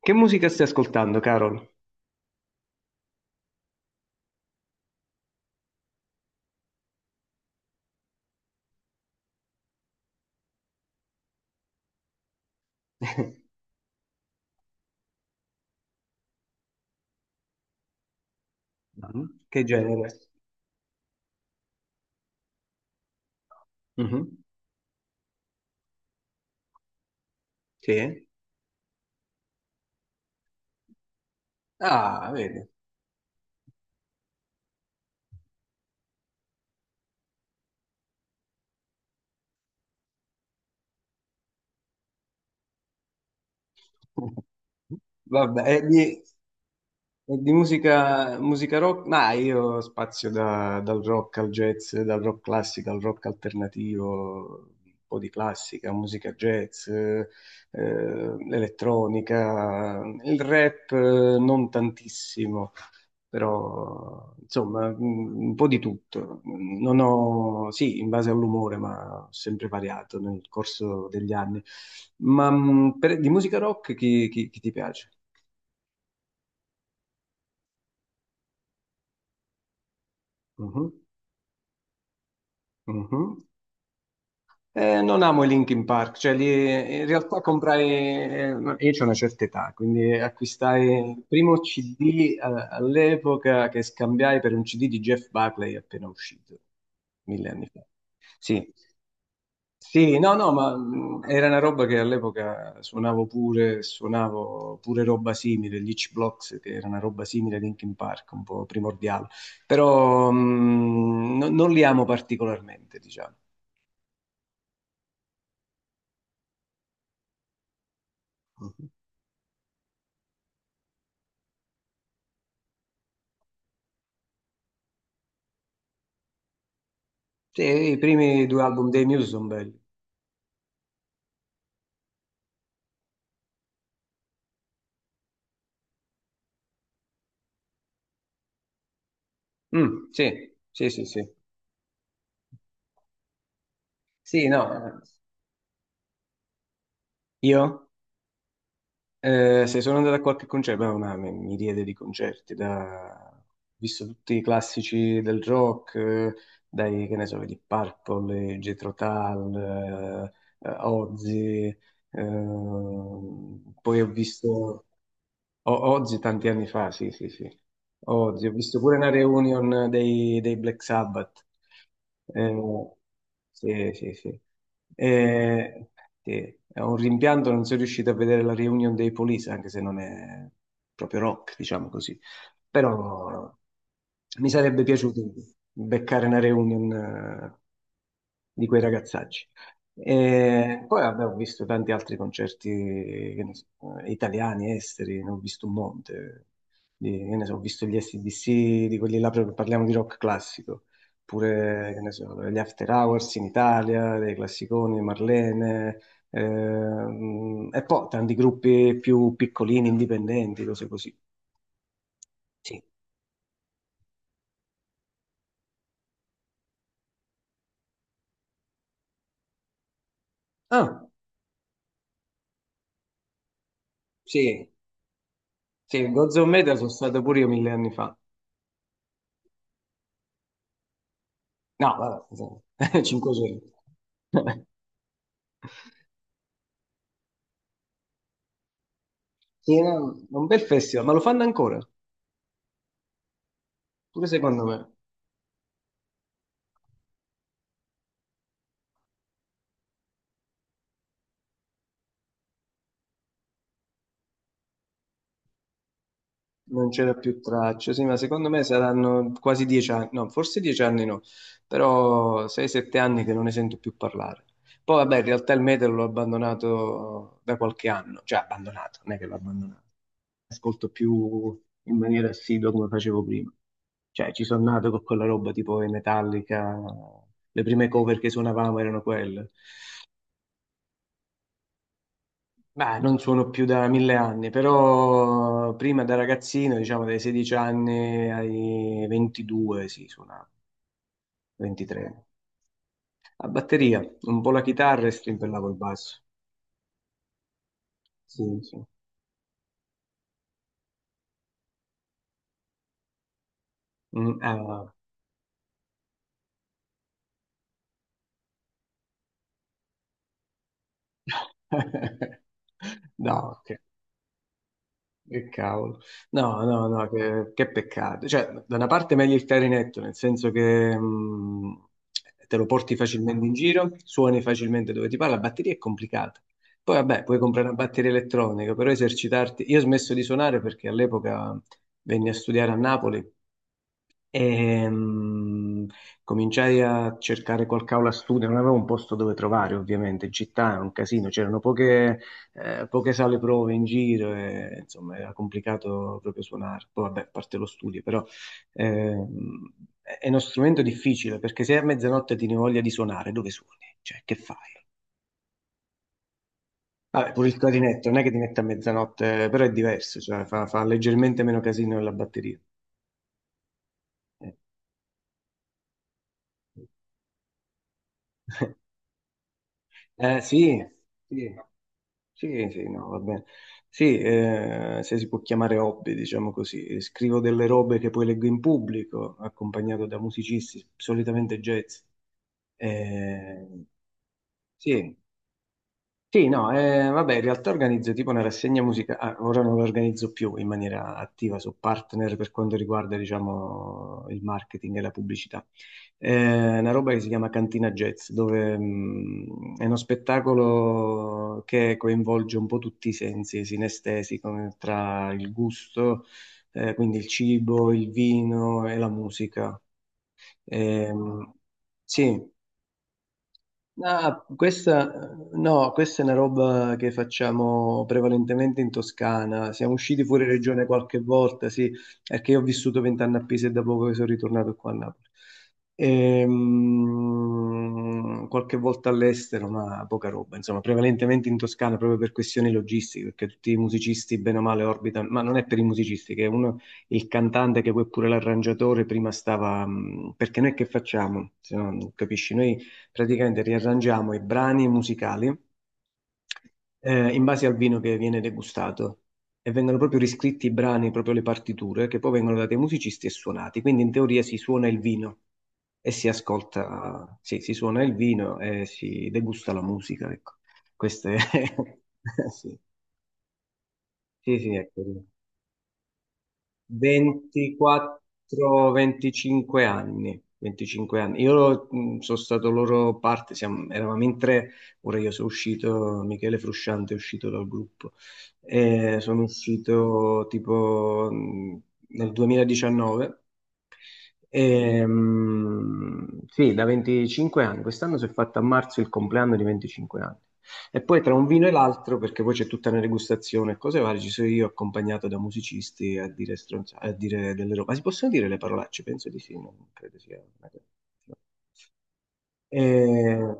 Che musica stai ascoltando, Carol? Mhm. Che genere? Mhm. Sì. Ah, vedi. Vabbè, è di musica, musica rock? Ma io spazio dal rock al jazz, dal rock classico al rock alternativo, un po' di classica, musica jazz, elettronica, il rap non tantissimo. Però insomma un po' di tutto. Non ho, sì, in base all'umore, ma ho sempre variato nel corso degli anni. Ma di musica rock chi ti piace? Mhm, mhm. Non amo i Linkin Park, cioè in realtà comprai, io c'ho una certa età, quindi acquistai il primo CD all'epoca che scambiai per un CD di Jeff Buckley appena uscito, mille anni fa. Sì, sì, no, no, ma era una roba che all'epoca suonavo pure roba simile, gli H-Blocks, che era una roba simile a Linkin Park, un po' primordiale, però non li amo particolarmente, diciamo. Mhm. Sì, i primi due album dei Muse sono belli. Mm, sì, sì, sì, sì. Sì, no, eh, io? Se sono andato a qualche concerto, beh, ma mi riede di concerti, ho visto tutti i classici del rock, dai, che ne so, di Purple, Jethro Tull, Ozzy, poi ho visto Ozzy tanti anni fa, sì, sì, sì, Ozzy, ho visto pure una reunion dei Black Sabbath. Eh, sì, sì, sì. Eh, sì, è un rimpianto non sono riuscito a vedere la reunion dei Police, anche se non è proprio rock, diciamo così. Però mi sarebbe piaciuto beccare una reunion di quei ragazzacci. E poi vabbè, ho visto tanti altri concerti che ne so, italiani, esteri, ne ho visto un monte. Che ne so, ho visto gli AC/DC, di quelli là, proprio parliamo di rock classico, pure che ne so, gli After Hours in Italia, dei classiconi, Marlene. E poi tanti gruppi più piccolini, indipendenti, cose così. Sì. Ah, sì, sì, Gods of Metal sono stato pure io mille anni fa. No, vabbè, insomma, 500. Sì, no, è un bel festival, ma lo fanno ancora, pure secondo me. Non c'era più traccia, sì, ma secondo me saranno quasi 10 anni, no, forse 10 anni no, però sei, sette anni che non ne sento più parlare. Poi vabbè, in realtà il metal l'ho abbandonato da qualche anno, cioè abbandonato, non è che l'ho abbandonato, ascolto più in maniera assidua come facevo prima. Cioè, ci sono nato con quella roba tipo i Metallica, le prime cover che suonavamo erano quelle. Beh, non suono più da mille anni, però prima da ragazzino, diciamo dai 16 anni ai 22, sì, suonavo, 23. A batteria, un po' la chitarra, e strimpellavo il basso. Sì, sì. Mm, ah. No, ok. Che cavolo. No, no, no, che peccato. Cioè, da una parte meglio il clarinetto, nel senso che te lo porti facilmente in giro, suoni facilmente dove ti parla, la batteria è complicata. Poi vabbè, puoi comprare una batteria elettronica, però esercitarti... Io ho smesso di suonare perché all'epoca venni a studiare a Napoli e cominciai a cercare qualche aula studio, non avevo un posto dove trovare, ovviamente, in città è un casino, c'erano poche sale prove in giro, e, insomma, era complicato proprio suonare. Poi, vabbè, a parte lo studio, però ehm, è uno strumento difficile perché se a mezzanotte ti ne voglia di suonare, dove suoni? Cioè, che fai? Vabbè, pure il clarinetto, non è che ti mette a mezzanotte, però è diverso, cioè fa leggermente meno casino della batteria. Eh, sì, sì. Sì, sì, no, va bene. Sì, se si può chiamare hobby, diciamo così. Scrivo delle robe che poi leggo in pubblico, accompagnato da musicisti, solitamente jazz. Eh, sì, sì, no, vabbè, in realtà organizzo tipo una rassegna musicale, ora non la organizzo più in maniera attiva, sono partner per quanto riguarda, diciamo, il marketing e la pubblicità. Una roba che si chiama Cantina Jazz, dove è uno spettacolo che coinvolge un po' tutti i sensi sinestesi, come tra il gusto, quindi il cibo, il vino e la musica. Ehm, sì. Ah, questa, no, questa è una roba che facciamo prevalentemente in Toscana. Siamo usciti fuori regione qualche volta, sì, perché io ho vissuto 20 anni a Pisa e da poco che sono ritornato qua a Napoli. Qualche volta all'estero, ma poca roba, insomma, prevalentemente in Toscana proprio per questioni logistiche, perché tutti i musicisti bene o male orbitano, ma non è per i musicisti, che uno, il cantante che poi è pure l'arrangiatore prima stava, perché noi che facciamo? Se no, non capisci, noi praticamente riarrangiamo i brani musicali in base al vino che viene degustato, e vengono proprio riscritti i brani, proprio le partiture, che poi vengono date ai musicisti e suonati. Quindi in teoria si suona il vino e si ascolta, sì, si suona il vino e si degusta la musica, ecco. Questo è... sì, sì, sì, ecco, sì. 24-25 anni, 25 anni. Io sono stato loro parte, eravamo in tre, ora io sono uscito, Michele Frusciante è uscito dal gruppo. Sono uscito tipo nel 2019. Sì, da 25 anni. Quest'anno si è fatto a marzo il compleanno di 25 anni. E poi tra un vino e l'altro, perché poi c'è tutta una degustazione e cose varie, ci sono io accompagnato da musicisti a dire, a dire delle robe. Ma si possono dire le parolacce? Penso di sì, non credo sia una cosa. Eh,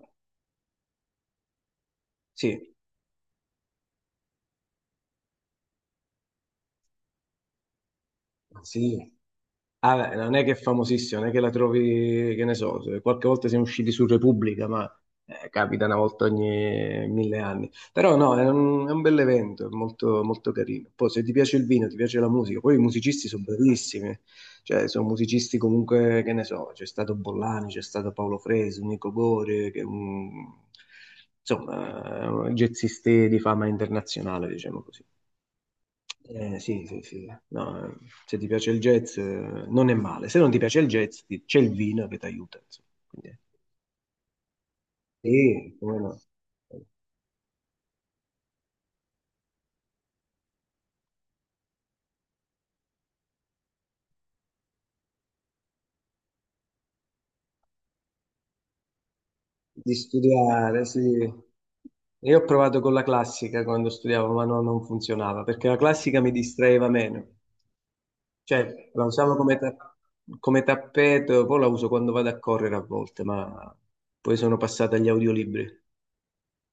sì, sì. Ah, beh, non è che è famosissima, non è che la trovi, che ne so, qualche volta siamo usciti su Repubblica, ma capita una volta ogni mille anni. Però no, è un bel evento, è molto, molto carino. Poi se ti piace il vino, ti piace la musica, poi i musicisti sono bravissimi, cioè sono musicisti comunque, che ne so, c'è stato Bollani, c'è stato Paolo Fresu, Nico Gore, che insomma, jazzisti di fama internazionale, diciamo così. Sì, sì, sì. No, se ti piace il jazz, non è male. Se non ti piace il jazz, c'è il vino che ti aiuta, insomma. Quindi, sì, come no. Di studiare, sì. Io ho provato con la classica quando studiavo, ma no, non funzionava perché la classica mi distraeva meno. Cioè, la usavo come, come tappeto, poi la uso quando vado a correre a volte, ma poi sono passata agli audiolibri.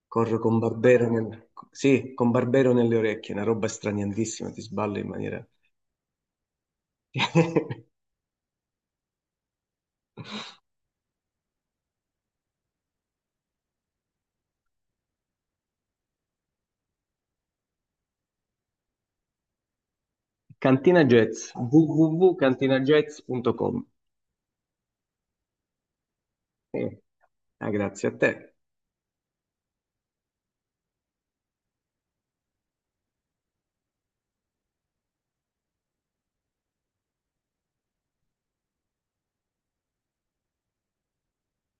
Corro con Barbero, sì, con Barbero nelle orecchie, una roba straniantissima, ti sballo in maniera... Cantina Jazz, www.cantinajazz.com. Eh, ah, grazie a te.